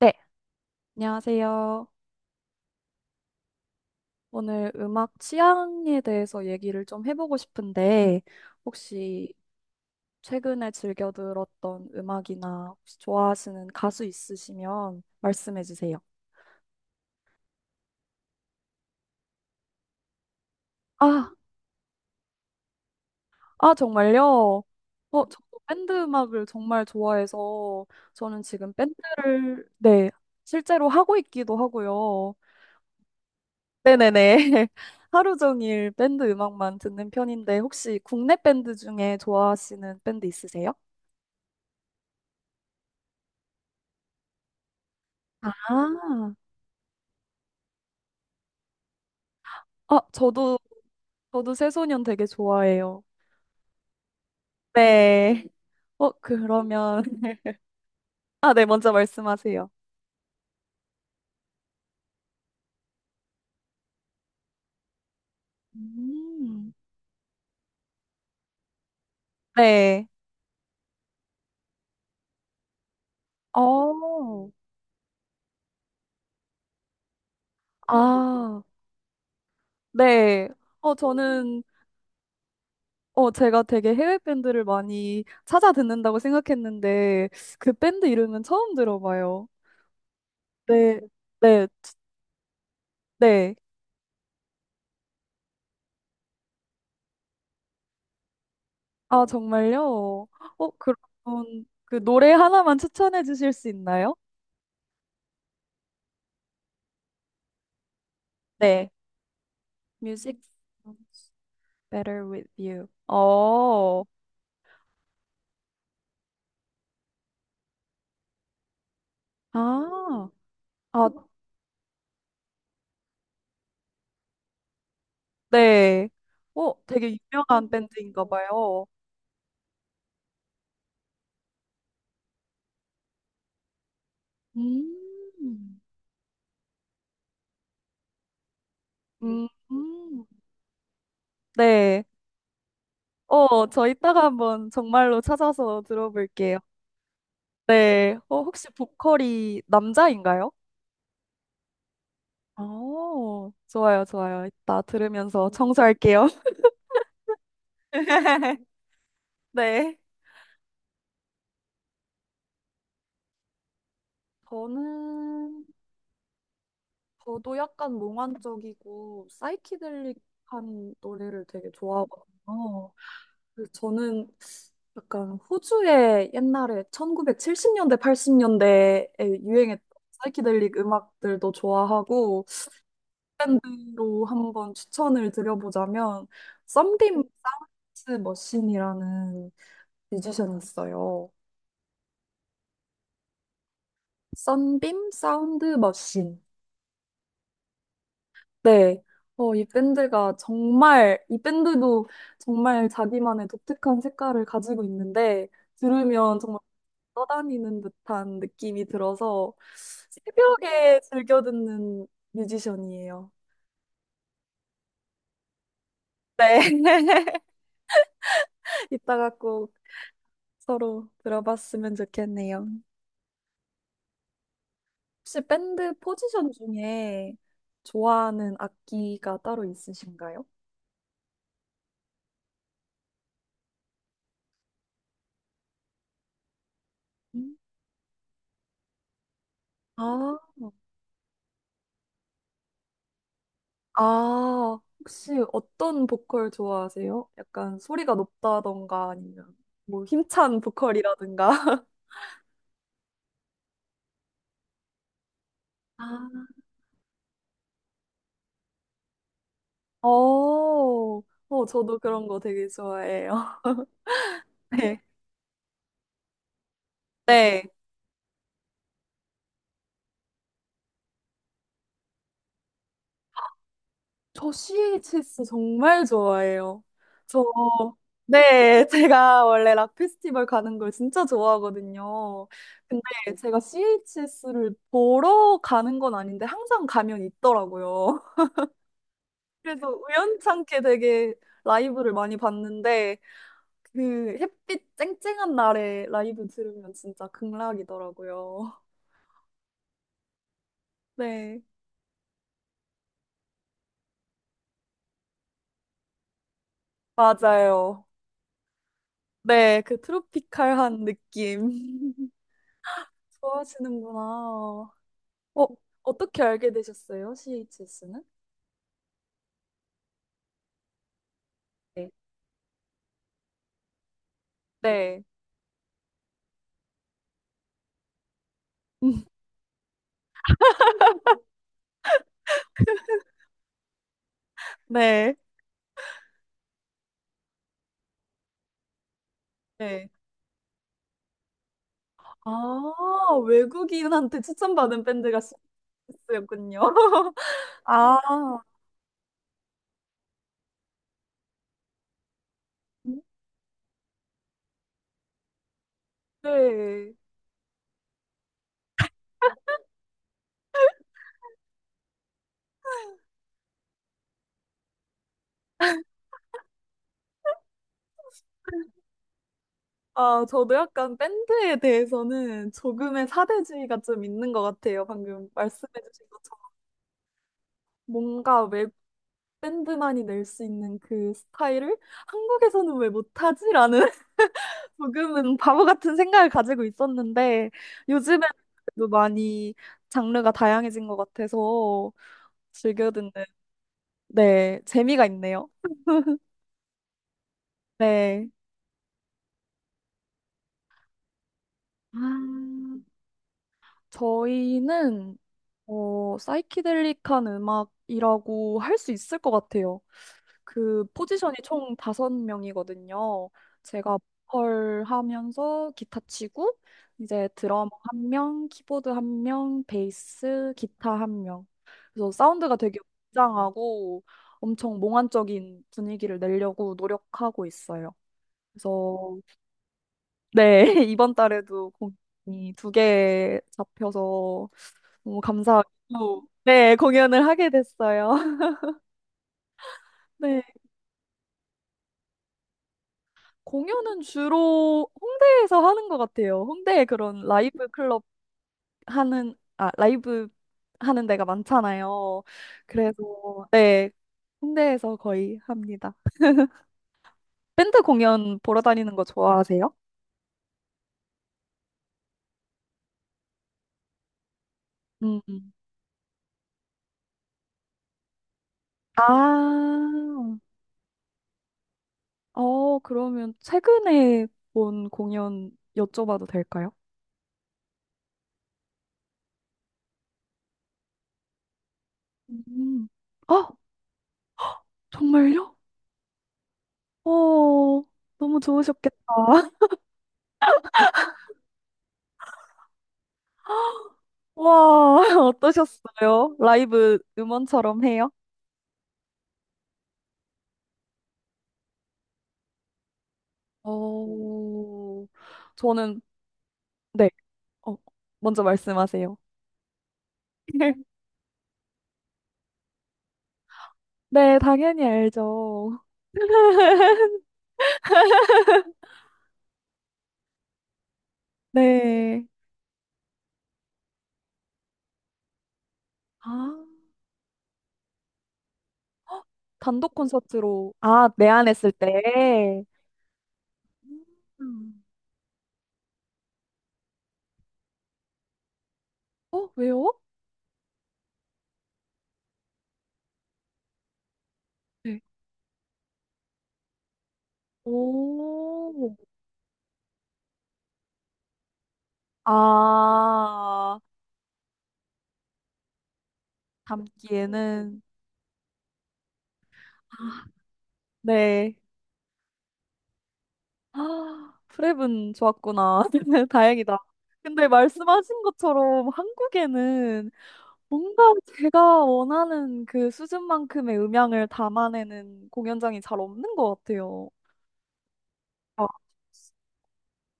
네, 안녕하세요. 오늘 음악 취향에 대해서 얘기를 좀 해보고 싶은데, 혹시 최근에 즐겨 들었던 음악이나 혹시 좋아하시는 가수 있으시면 말씀해 주세요. 아, 아, 정말요? 어, 저도 밴드 음악을 정말 좋아해서, 저는 지금 밴드를, 네, 실제로 하고 있기도 하고요. 네네네. 하루 종일 밴드 음악만 듣는 편인데, 혹시 국내 밴드 중에 좋아하시는 밴드 있으세요? 아, 아, 저도 새소년 되게 좋아해요. 네. 어, 그러면, 아, 네, 먼저 말씀하세요. 음. 네. 어, 아, 네. 어, 저는, 제가 되게 해외 밴드를 많이 찾아 듣는다고 생각했는데, 그 밴드 이름은 처음 들어봐요. 네, 네, 네. 아, 정말요? 어, 그러면 그 노래 하나만 추천해 주실 수 있나요? 네. 뮤직. Better with you. 어, 아, 아, 네. 어, 되게 유명한 밴드인가 봐요. 음. 음, 음. 네. 저 이따가 한번 정말로 찾아서 들어볼게요. 네. 어, 혹시 보컬이 남자인가요? 어, 좋아요, 좋아요. 이따 들으면서 청소할게요. 네. 저는 저도 약간 몽환적이고 사이키델릭한 노래를 되게 좋아하거든요. 그래서 저는 약간 호주의 옛날에 1970년대, 80년대에 유행했던 사이키델릭 음악들도 좋아하고 밴드로 한번 추천을 드려보자면 썬빔 사운드 머신이라는 뮤지션이 있어요. 썬빔 사운드 머신. 네. 이 밴드도 정말 자기만의 독특한 색깔을 가지고 있는데, 들으면 정말 떠다니는 듯한 느낌이 들어서, 새벽에 즐겨 듣는 뮤지션이에요. 네. 이따가 꼭 서로 들어봤으면 좋겠네요. 혹시 밴드 포지션 중에 좋아하는 악기가 따로 있으신가요? 음. 아. 아, 혹시 어떤 보컬 좋아하세요? 약간 소리가 높다던가 아니면 뭐 힘찬 보컬이라든가. 아. 어, 어, 저도 그런 거 되게 좋아해요. 네. 네. 저 CHS 정말 좋아해요. 저, 네, 제가 원래 락 페스티벌 가는 걸 진짜 좋아하거든요. 근데 제가 CHS를 보러 가는 건 아닌데 항상 가면 있더라고요. 그래서 우연찮게 되게 라이브를 많이 봤는데 그 햇빛 쨍쨍한 날에 라이브 들으면 진짜 극락이더라고요. 네, 맞아요. 네, 그 트로피칼한 느낌. 좋아하시는구나. 어, 어떻게 알게 되셨어요? CHS는? 네. 네. 네. 네. 아, 외국인한테 추천받은 밴드가 CHS였군요. 아, 네. 아, 저도 약간 밴드에 대해서는 조금의 사대주의가 좀 있는 것 같아요. 방금 말씀해주신 것처럼. 뭔가 왜 밴드만이 낼 수 있는 그 스타일을 한국에서는 왜 못하지라는 조금은 바보 같은 생각을 가지고 있었는데 요즘에는 그래도 많이 장르가 다양해진 것 같아서 즐겨 듣는 네, 재미가 있네요. 네. 아, 저희는 어, 사이키델릭한 음악이라고 할 수 있을 것 같아요. 그 포지션이 총 다섯 명이거든요. 제가 보컬 하면서 기타 치고, 이제 드럼 1명, 키보드 1명, 베이스, 기타 1명. 그래서 사운드가 되게 웅장하고 엄청 몽환적인 분위기를 내려고 노력하고 있어요. 그래서 네, 이번 달에도 공연이 2개 잡혀서 너무 감사하고, 네, 공연을 하게 됐어요. 네, 공연은 주로 홍대에서 하는 것 같아요. 홍대에 그런 라이브 클럽 하는, 아, 라이브 하는 데가 많잖아요. 그래서, 네, 홍대에서 거의 합니다. 밴드 공연 보러 다니는 거 좋아하세요? 음. 아, 어, 그러면 최근에 본 공연 여쭤봐도 될까요? 음. 아, 정말요? 어, 너무 좋으셨겠다. 와, 어떠셨어요? 라이브 음원처럼 해요? 어, 저는, 네, 어, 먼저 말씀하세요. 네, 당연히 알죠. 네. 아, 단독 콘서트로, 아, 내한했을 때. 음. 어, 왜요? 네. 오, 아, 담기에는, 아, 네. 아, 프랩은 좋았구나. 다행이다. 근데 말씀하신 것처럼 한국에는 뭔가 제가 원하는 그 수준만큼의 음향을 담아내는 공연장이 잘 없는 것 같아요. 아,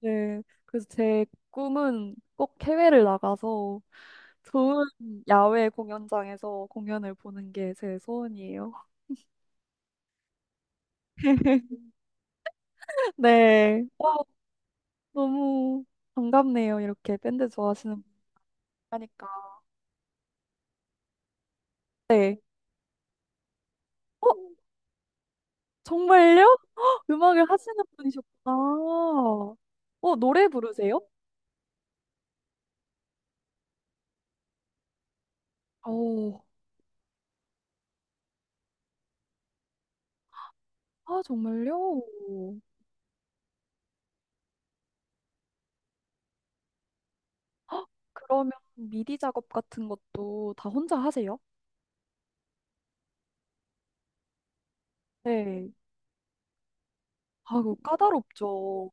네. 그래서 제 꿈은 꼭 해외를 나가서 좋은 야외 공연장에서 공연을 보는 게 제 소원이에요. 네. 와, 너무 반갑네요. 이렇게 밴드 좋아하시는 분 하니까. 네. 어, 정말요? 헉, 음악을 하시는 분이셨구나. 어, 노래 부르세요? 어, 아, 정말요? 헉, 그러면 미디 작업 같은 것도 다 혼자 하세요? 네. 아, 그 까다롭죠.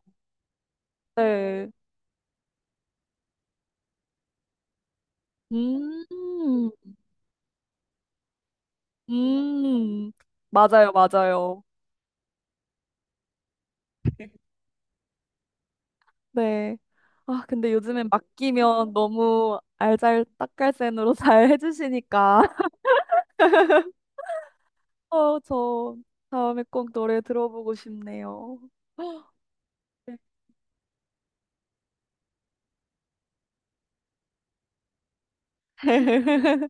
네. 음, 음, 맞아요, 맞아요. 네. 아, 근데 요즘엔 맡기면 너무 알잘딱깔센으로 잘 해주시니까. 저 다음에 꼭 노래 들어보고 싶네요.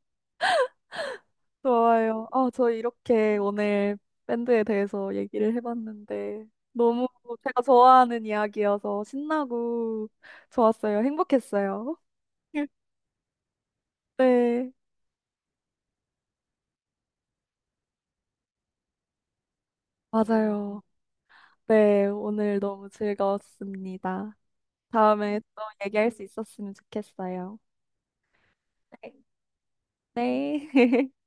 좋아요. 아, 저 이렇게 오늘 밴드에 대해서 얘기를 해봤는데 너무 제가 좋아하는 이야기여서 신나고 좋았어요. 행복했어요. 네, 맞아요. 네, 오늘 너무 즐거웠습니다. 다음에 또 얘기할 수 있었으면 좋겠어요. 네. 네.